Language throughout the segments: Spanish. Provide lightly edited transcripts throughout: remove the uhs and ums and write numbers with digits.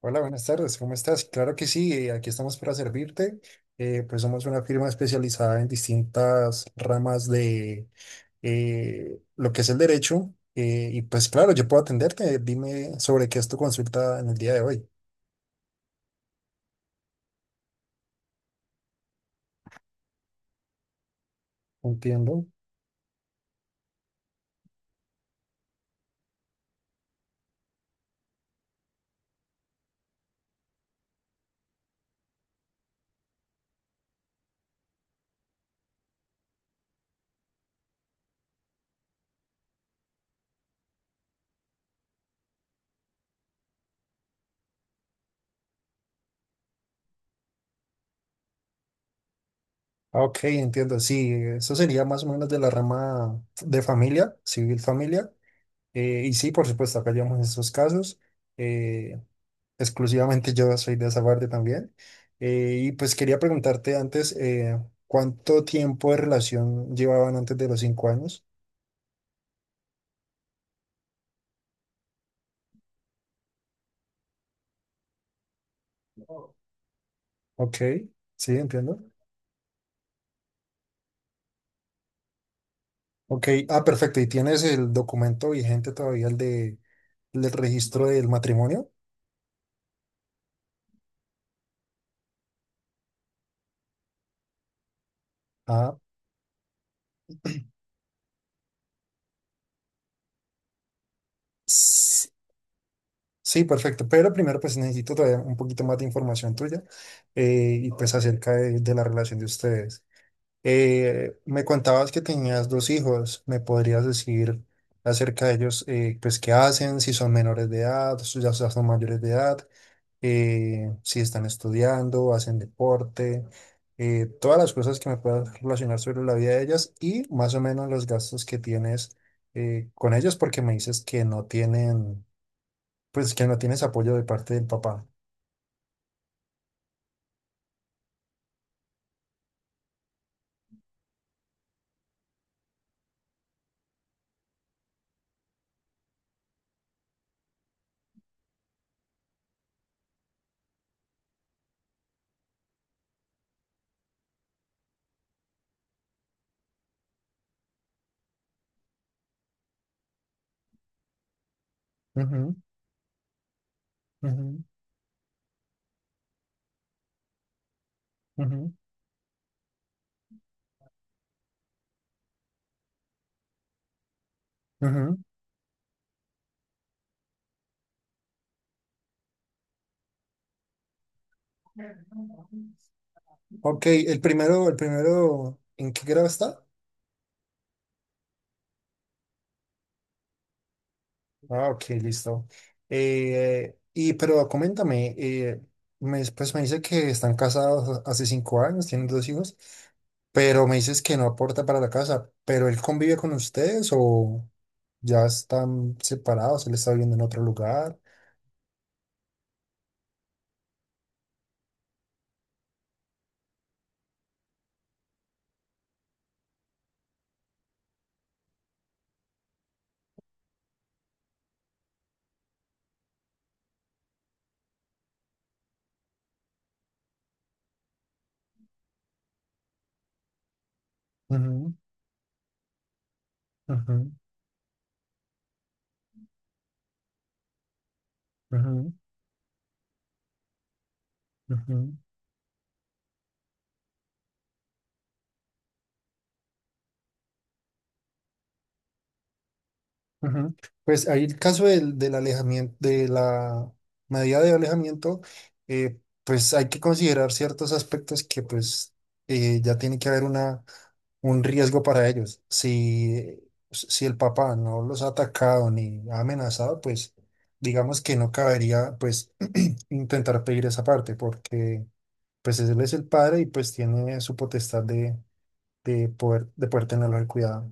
Hola, buenas tardes, ¿cómo estás? Claro que sí, aquí estamos para servirte. Pues somos una firma especializada en distintas ramas de lo que es el derecho. Y pues claro, yo puedo atenderte. Dime sobre qué es tu consulta en el día de hoy. Entiendo. Ah, ok, entiendo, sí, eso sería más o menos de la rama de familia, civil familia. Y sí, por supuesto, acá llevamos esos casos. Eh, exclusivamente yo soy de esa parte también. Y pues quería preguntarte antes, ¿cuánto tiempo de relación llevaban antes de los cinco años? Ok, sí, entiendo. Ok, ah, perfecto. ¿Y tienes el documento vigente todavía, el del registro del matrimonio? Ah, s- sí, perfecto. Pero primero, pues necesito todavía un poquito más de información tuya y pues acerca de la relación de ustedes. Me contabas que tenías dos hijos. ¿Me podrías decir acerca de ellos, pues qué hacen, si son menores de edad, si ya son mayores de edad, si están estudiando, hacen deporte, todas las cosas que me puedas relacionar sobre la vida de ellas y más o menos los gastos que tienes con ellos, porque me dices que pues que no tienes apoyo de parte del papá. Ujú, ujú, ujú, ujú. Ok, el primero, ¿en qué grado está? Ah, ok, listo. Y pero coméntame, pues me dice que están casados hace cinco años, tienen dos hijos, pero me dices que no aporta para la casa, pero él convive con ustedes o ya están separados, él está viviendo en otro lugar. Ujú, ujú, ujú, ujú. Ujú. Pues ahí el caso del alejamiento, de la medida de alejamiento, eh, pues hay que considerar ciertos aspectos que pues ya tiene que haber un riesgo para ellos. Si, si el papá no los ha atacado ni ha amenazado, pues digamos que no cabería pues intentar pedir esa parte porque pues él es el padre y pues tiene su potestad de poder tenerlo al cuidado.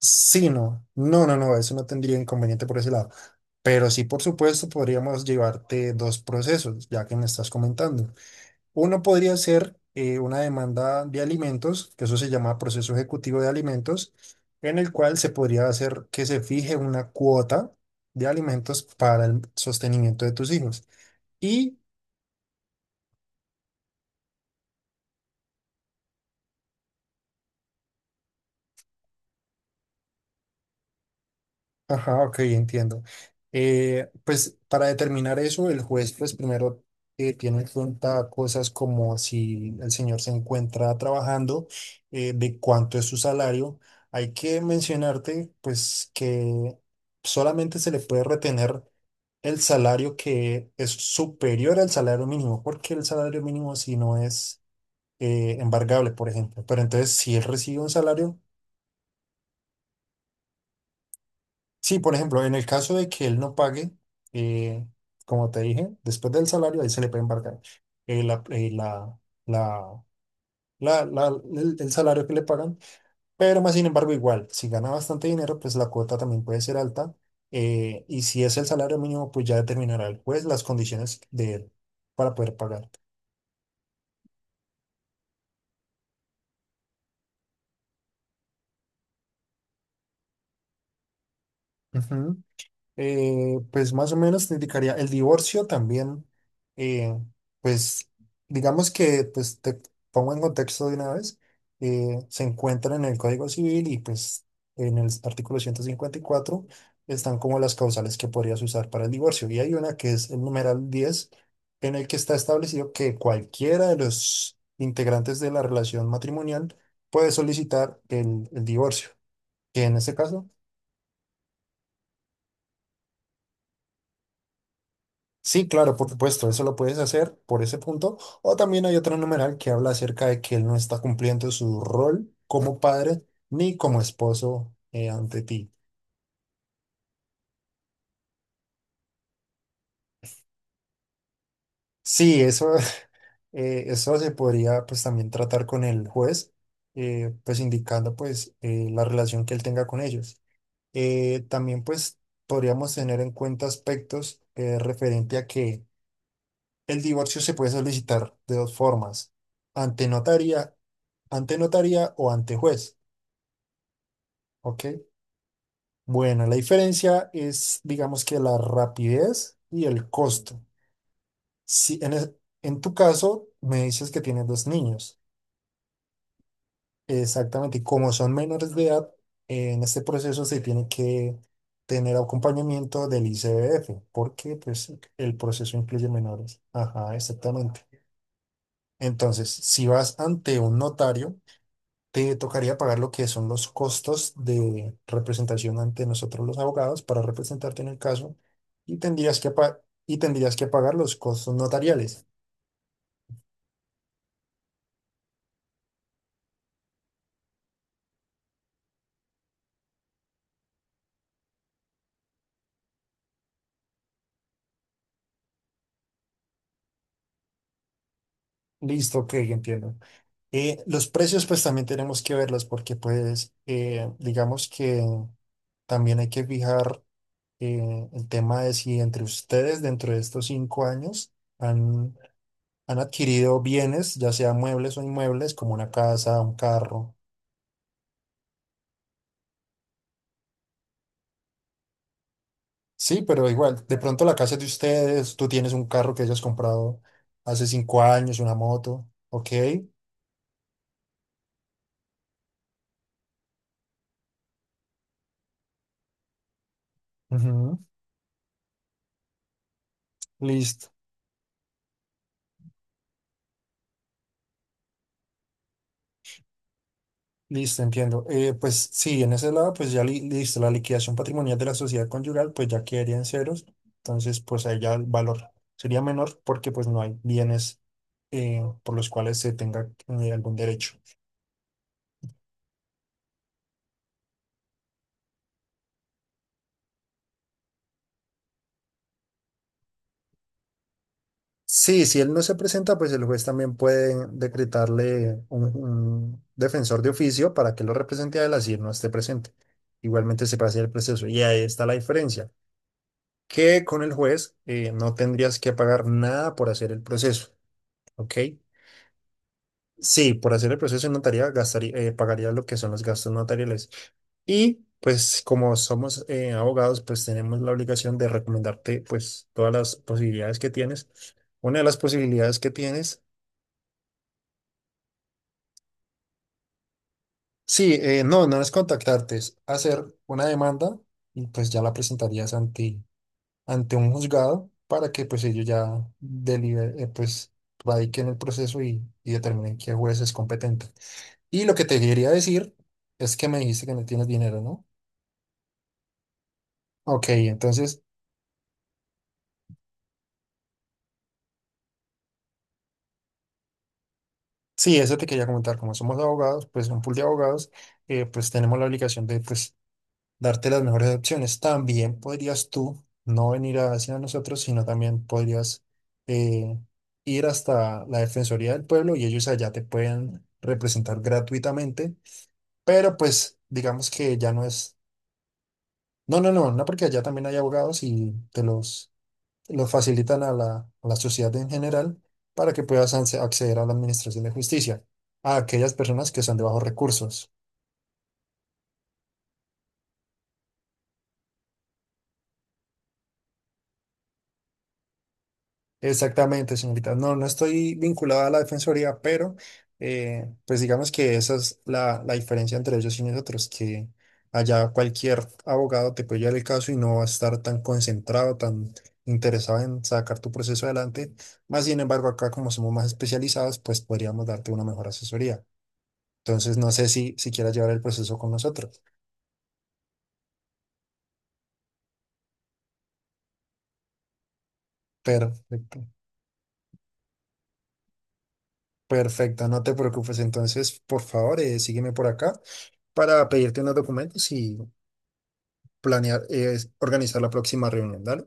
Sí, no, eso no tendría inconveniente por ese lado. Pero sí, por supuesto, podríamos llevarte dos procesos, ya que me estás comentando. Uno podría ser una demanda de alimentos, que eso se llama proceso ejecutivo de alimentos, en el cual se podría hacer que se fije una cuota de alimentos para el sostenimiento de tus hijos. Y Ajá, ok, entiendo. Pues para determinar eso, el juez pues primero tiene en cuenta cosas como si el señor se encuentra trabajando, de cuánto es su salario. Hay que mencionarte pues que solamente se le puede retener el salario que es superior al salario mínimo, porque el salario mínimo si no es embargable, por ejemplo. Pero entonces, si él recibe un salario. Sí, por ejemplo, en el caso de que él no pague, eh, como te dije, después del salario, ahí se le puede embargar eh, la- eh, la- la- la- la- el salario que le pagan, pero más sin embargo, igual, si gana bastante dinero, pues la cuota también puede ser alta. Y si es el salario mínimo, pues ya determinará el juez las condiciones de él para poder pagar. Pues más o menos te indicaría el divorcio también, eh, pues digamos que pues te pongo en contexto de una vez, se encuentra en el Código Civil y pues en el artículo 154 están como las causales que podrías usar para el divorcio y hay una que es el numeral 10 en el que está establecido que cualquiera de los integrantes de la relación matrimonial puede solicitar el divorcio que en este caso. Sí, claro, por supuesto, eso lo puedes hacer por ese punto. O también hay otro numeral que habla acerca de que él no está cumpliendo su rol como padre ni como esposo ante ti. Sí, eso, eso se podría pues también tratar con el juez, pues indicando pues la relación que él tenga con ellos. También pues podríamos tener en cuenta aspectos referente a que el divorcio se puede solicitar de dos formas, ante notaría, ante notaría o ante juez. Ok. Bueno, la diferencia es, digamos que la rapidez y el costo. Si en, es- en tu caso me dices que tienes dos niños, exactamente, y como son menores de edad, en este proceso se tiene que tener acompañamiento del ICBF, porque pues el proceso incluye menores. Ajá, exactamente. Entonces, si vas ante un notario, te tocaría pagar lo que son los costos de representación ante nosotros los abogados para representarte en el caso y y tendrías que pagar los costos notariales. Listo, ok, entiendo. Los precios pues también tenemos que verlos porque pues digamos que también hay que fijar el tema de si entre ustedes dentro de estos cinco años han, han adquirido bienes, ya sea muebles o inmuebles, como una casa, un carro. Sí, pero igual, de pronto la casa es de ustedes, tú tienes un carro que hayas comprado hace cinco años, una moto, ok, ujú. Listo, listo, entiendo. Pues sí, en ese lado, pues ya listo, la liquidación patrimonial de la sociedad conyugal, pues ya quedaría en ceros, entonces pues ahí ya el valor sería menor porque pues no hay bienes por los cuales se tenga algún derecho. Sí, si él no se presenta, pues el juez también puede decretarle un defensor de oficio para que lo represente a él así él no esté presente. Igualmente se pasa el proceso. Y ahí está la diferencia, que con el juez no tendrías que pagar nada por hacer el proceso, ¿ok? Sí, por hacer el proceso en notaría gastaría, pagaría lo que son los gastos notariales. Y pues como somos abogados, pues tenemos la obligación de recomendarte pues todas las posibilidades que tienes. Una de las posibilidades que tienes. Sí, no, no es contactarte, es hacer una demanda y pues ya la presentarías ante un juzgado para que pues ellos ya deliberen, pues radiquen el proceso y determinen qué juez es competente. Y lo que te quería decir es que me dijiste que no tienes dinero, ¿no? Ok, entonces, sí, eso te quería comentar, como somos abogados, pues un pool de abogados, pues tenemos la obligación de pues darte las mejores opciones. También podrías tú no venir hacia nosotros, sino también podrías eh, ir hasta la Defensoría del Pueblo y ellos allá te pueden representar gratuitamente, pero pues digamos que ya no es... No, porque allá también hay abogados y te los facilitan a a la sociedad en general para que puedas acceder a la Administración de Justicia, a aquellas personas que son de bajos recursos. Exactamente, señorita. No, no estoy vinculada a la defensoría, pero pues digamos que esa es la diferencia entre ellos y nosotros, que allá cualquier abogado te puede llevar el caso y no va a estar tan concentrado, tan interesado en sacar tu proceso adelante. Más sin embargo, acá como somos más especializados, pues podríamos darte una mejor asesoría. Entonces, no sé si, si quieras llevar el proceso con nosotros. Perfecto. Perfecto, no te preocupes. Entonces, por favor, sígueme por acá para pedirte unos documentos y planear, es organizar la próxima reunión, ¿dale?